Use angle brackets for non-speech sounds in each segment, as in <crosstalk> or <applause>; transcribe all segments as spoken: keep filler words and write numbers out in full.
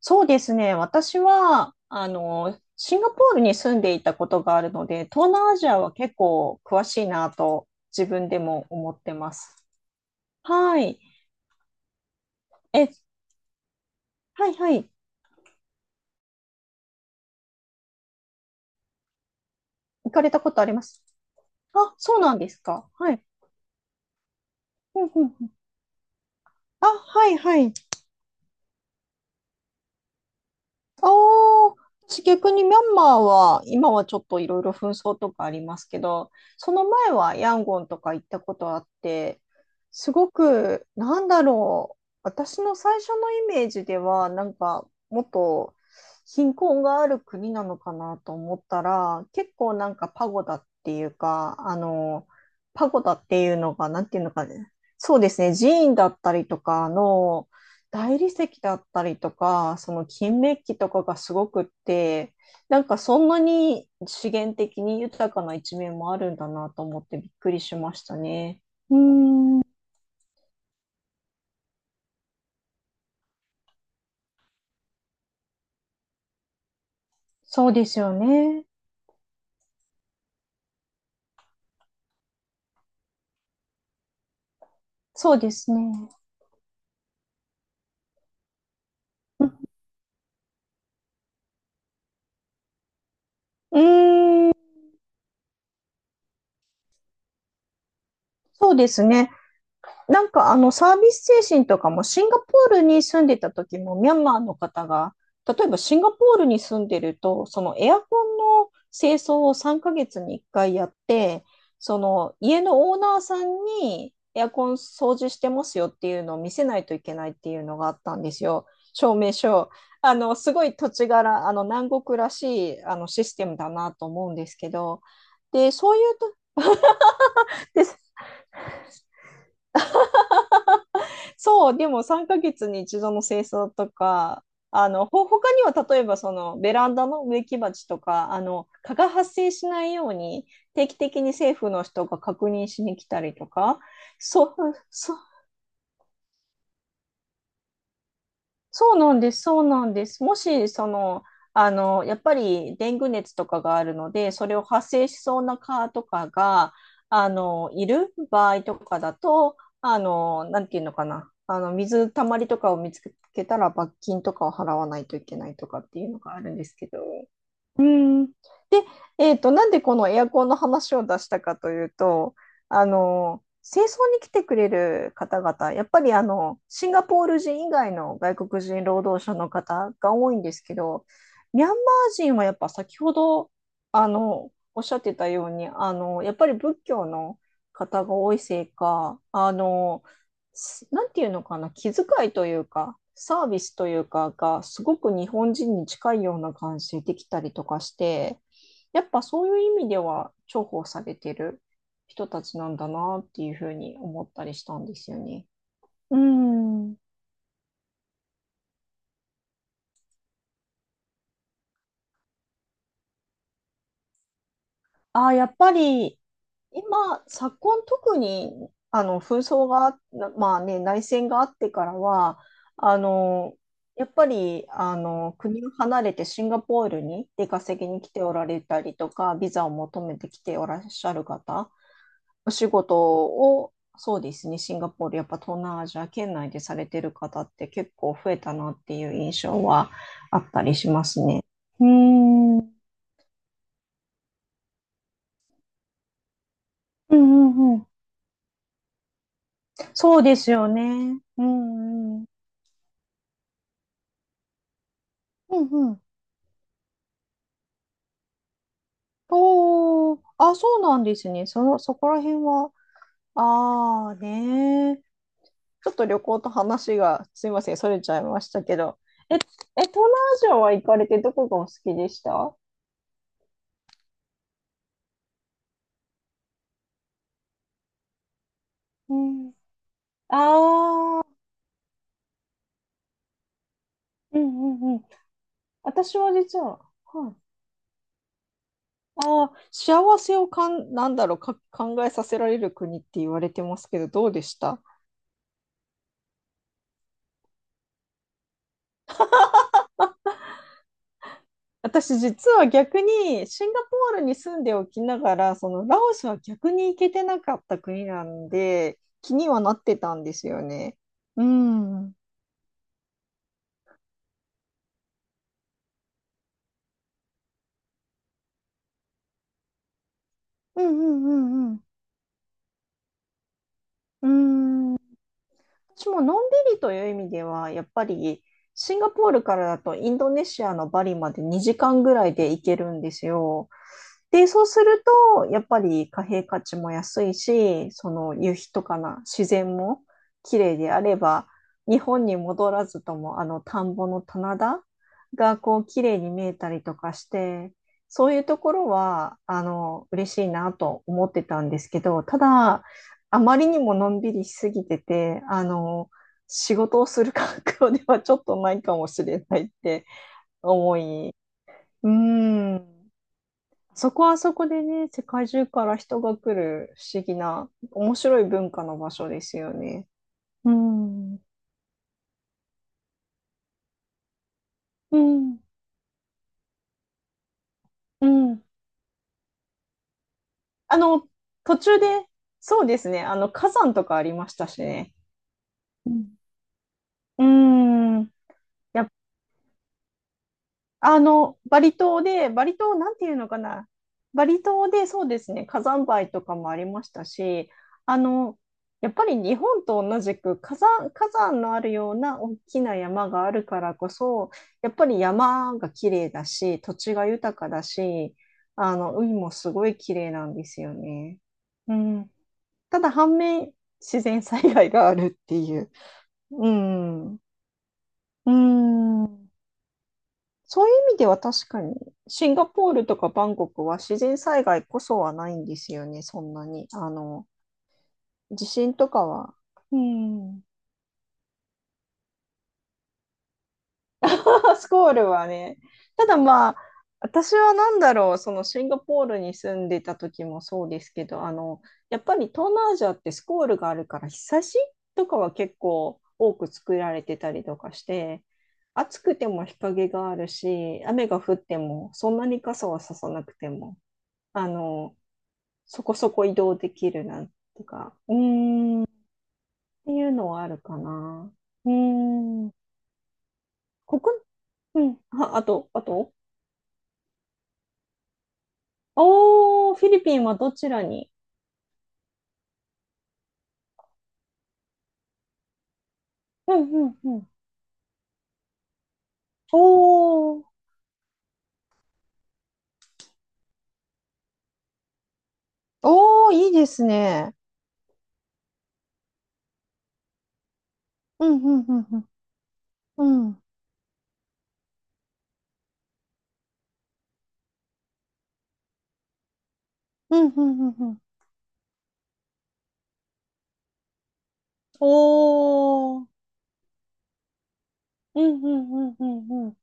そうですね。私は、あの、シンガポールに住んでいたことがあるので、東南アジアは結構詳しいなと自分でも思ってます。はい。え、はいはい。行かれたことあります？あ、そうなんですか。はい。うんうんうん。あ、はいはい。ああ、私逆にミャンマーは、今はちょっといろいろ紛争とかありますけど、その前はヤンゴンとか行ったことあって、すごく、なんだろう、私の最初のイメージでは、なんか、もっと貧困がある国なのかなと思ったら、結構なんかパゴダっていうか、あの、パゴダっていうのが、なんていうのかね、そうですね、寺院だったりとかの、大理石だったりとか、その金メッキとかがすごくって、なんかそんなに資源的に豊かな一面もあるんだなと思ってびっくりしましたね。うーん、そうですよね。そうですね。うーん、そうですね。なんかあのサービス精神とかもシンガポールに住んでた時もミャンマーの方が、例えばシンガポールに住んでるとそのエアコンの清掃をさんかげつにいっかいやって、その家のオーナーさんにエアコン掃除してますよっていうのを見せないといけないっていうのがあったんですよ。証明書。あのすごい土地柄、あの南国らしいあのシステムだなと思うんですけど、でそういうと、で、 <laughs> そう、でもさんかげつに一度の清掃とか、あの、ほ、他には例えばそのベランダの植木鉢とか、あの、蚊が発生しないように定期的に政府の人が確認しに来たりとか、そう、そ、そうなんです、そうなんです。もし、その、あの、やっぱりデング熱とかがあるので、それを発生しそうな蚊とかが、あの、いる場合とかだと、あの、なんていうのかな、あの、水たまりとかを見つけたら罰金とかを払わないといけないとかっていうのがあるんですけど。うん。で、えっと、なんでこのエアコンの話を出したかというと、あの、清掃に来てくれる方々、やっぱりあの、シンガポール人以外の外国人労働者の方が多いんですけど、ミャンマー人はやっぱ先ほど、あの、おっしゃってたように、あの、やっぱり仏教の方が多いせいか、あの、すなんていうのかな、気遣いというか、サービスというかが、すごく日本人に近いような感じできたりとかして、やっぱそういう意味では重宝されてる人たちなんだなっていうふうに思ったりしたんですよね。うん。ああ、やっぱり今、昨今特に、あの、紛争がな、まあね、内戦があってからは、あの、やっぱり、あの、国を離れてシンガポールに出稼ぎに来ておられたりとか、ビザを求めてきておらっしゃる方、お仕事を、そうですね、シンガポール、やっぱ東南アジア圏内でされてる方って結構増えたなっていう印象はあったりしますね。うーん、うんうんうん。そうですよね。うんうん。うんうん。おー、あ、そうなんですね。その、そこら辺は、ああねー、ちょっと旅行と話が、すいません、それちゃいましたけど。え、え、東南アジアは行かれてどこがお好きでした？うん。ああ、うんうんうん。私は実は、はい。ああ、幸せをかん、なんだろう、か、考えさせられる国って言われてますけど、どうでした？私実は逆にシンガポールに住んでおきながら、そのラオスは逆に行けてなかった国なんで、気にはなってたんですよね。うん。うんうんうんうん。私ものんびりという意味では、やっぱりシンガポールからだとインドネシアのバリまでにじかんぐらいで行けるんですよ。で、そうすると、やっぱり貨幣価値も安いし、その夕日とかな自然も綺麗であれば、日本に戻らずともあの田んぼの棚田がこう綺麗に見えたりとかして、そういうところはあの嬉しいなと思ってたんですけど、ただ、あまりにものんびりしすぎてて、あの、仕事をする環境ではちょっとないかもしれないって思い、うーん、そこはそこでね、世界中から人が来る不思議な、面白い文化の場所ですよね。うん、うん、うん。あの、途中で、そうですね、あの、火山とかありましたしね。うん、うん、やっあの、バリ島で、バリ島なんていうのかな。バリ島でそうですね、火山灰とかもありましたし、あの、やっぱり日本と同じく火山、火山のあるような大きな山があるからこそ、やっぱり山が綺麗だし、土地が豊かだし、あの、海もすごい綺麗なんですよね。うん。ただ反面、自然災害があるっていう。うん。うん。そういう意味では確かに、シンガポールとかバンコクは自然災害こそはないんですよね、そんなに。あの、地震とかは。うん。<laughs> スコールはね。ただまあ、私はなんだろう、そのシンガポールに住んでた時もそうですけど、あの、やっぱり東南アジアってスコールがあるから日差しとかは結構多く作られてたりとかして、暑くても日陰があるし、雨が降ってもそんなに傘はささなくても、あの、そこそこ移動できるなんとか、うーん、っていうのはあるかな。うーん、国、うん、あ、あと、あと、おー、フィリピンはどちらに？うんうんうん。おー、おー、いいですね。うん、うん、うん、うん。うん、うん、うん、うん。うん、おー、うんうんうんうんうん。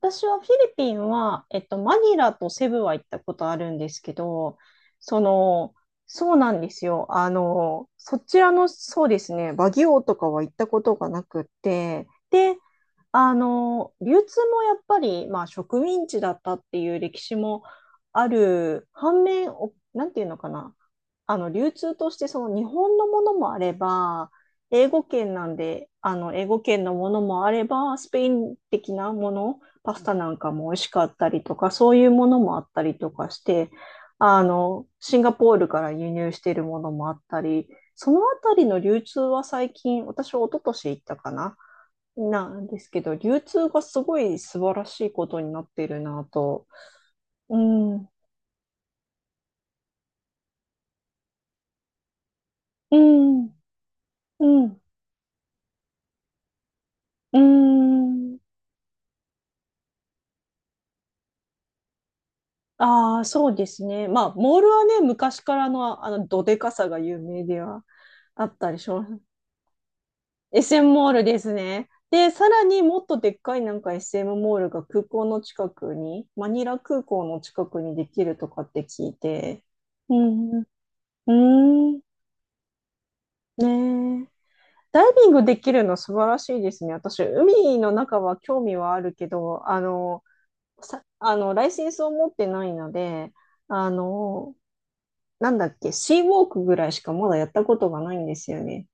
私はフィリピンは、えっと、マニラとセブは行ったことあるんですけど、その、そうなんですよ。あの、そちらの、そうですね、バギオとかは行ったことがなくって、で、あの、流通もやっぱり、まあ、植民地だったっていう歴史もある、反面、お、なんていうのかな、あの、流通としてその日本のものもあれば、英語圏なんで、あの、英語圏のものもあれば、スペイン的なもの、パスタなんかも美味しかったりとか、そういうものもあったりとかして、あの、シンガポールから輸入しているものもあったり、そのあたりの流通は最近、私は一昨年行ったかな、なんですけど、流通がすごい素晴らしいことになっているなと。うん、うん、うん、うん。ああ、そうですね。まあ、モールはね、昔からのあの、どでかさが有名ではあったりします。エスエム モールですね。で、さらにもっとでっかいなんか エスエム モールが空港の近くに、マニラ空港の近くにできるとかって聞いて。うん、うーん、ねえ。ダイビングできるの素晴らしいですね。私、海の中は興味はあるけど、あの、さ、あの、ライセンスを持ってないので、あの、なんだっけ、シーウォークぐらいしかまだやったことがないんですよね。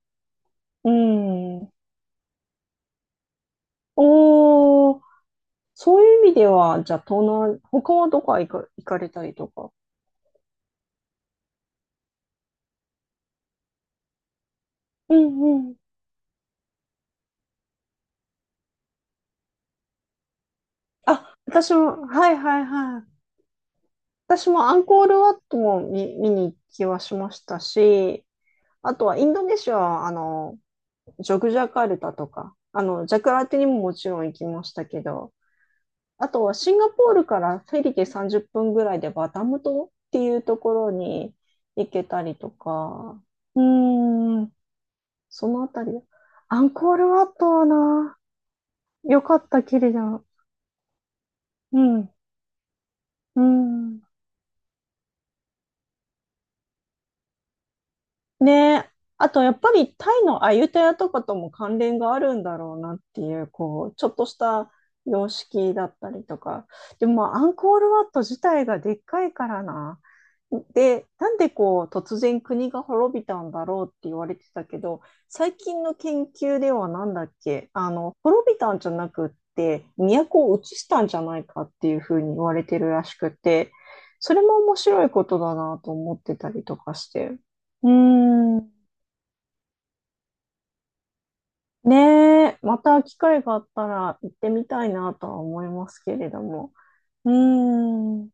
うん。おー、そういう意味では、じゃあ、東南、他はどこ行か、行かれたりとか。うんうん。あ、私も、はいはいはい。私もアンコールワットも見、見に行きはしましたし、あとはインドネシアは、あの、ジョグジャカルタとか、あの、ジャカルタにももちろん行きましたけど、あとはシンガポールからフェリーでさんじゅっぷんぐらいでバタム島っていうところに行けたりとか、うーん、そのあたり。アンコールワットはな、よかったきりじゃん。うん、うん。ねえ。あとやっぱりタイのアユタヤとかとも関連があるんだろうなっていう、こう、ちょっとした様式だったりとか。でもまあアンコールワット自体がでっかいからな。で、なんでこう突然国が滅びたんだろうって言われてたけど、最近の研究ではなんだっけ、あの、滅びたんじゃなくって、都を移したんじゃないかっていうふうに言われてるらしくて、それも面白いことだなと思ってたりとかして。うーん。ねえ、また機会があったら行ってみたいなとは思いますけれども。うーん。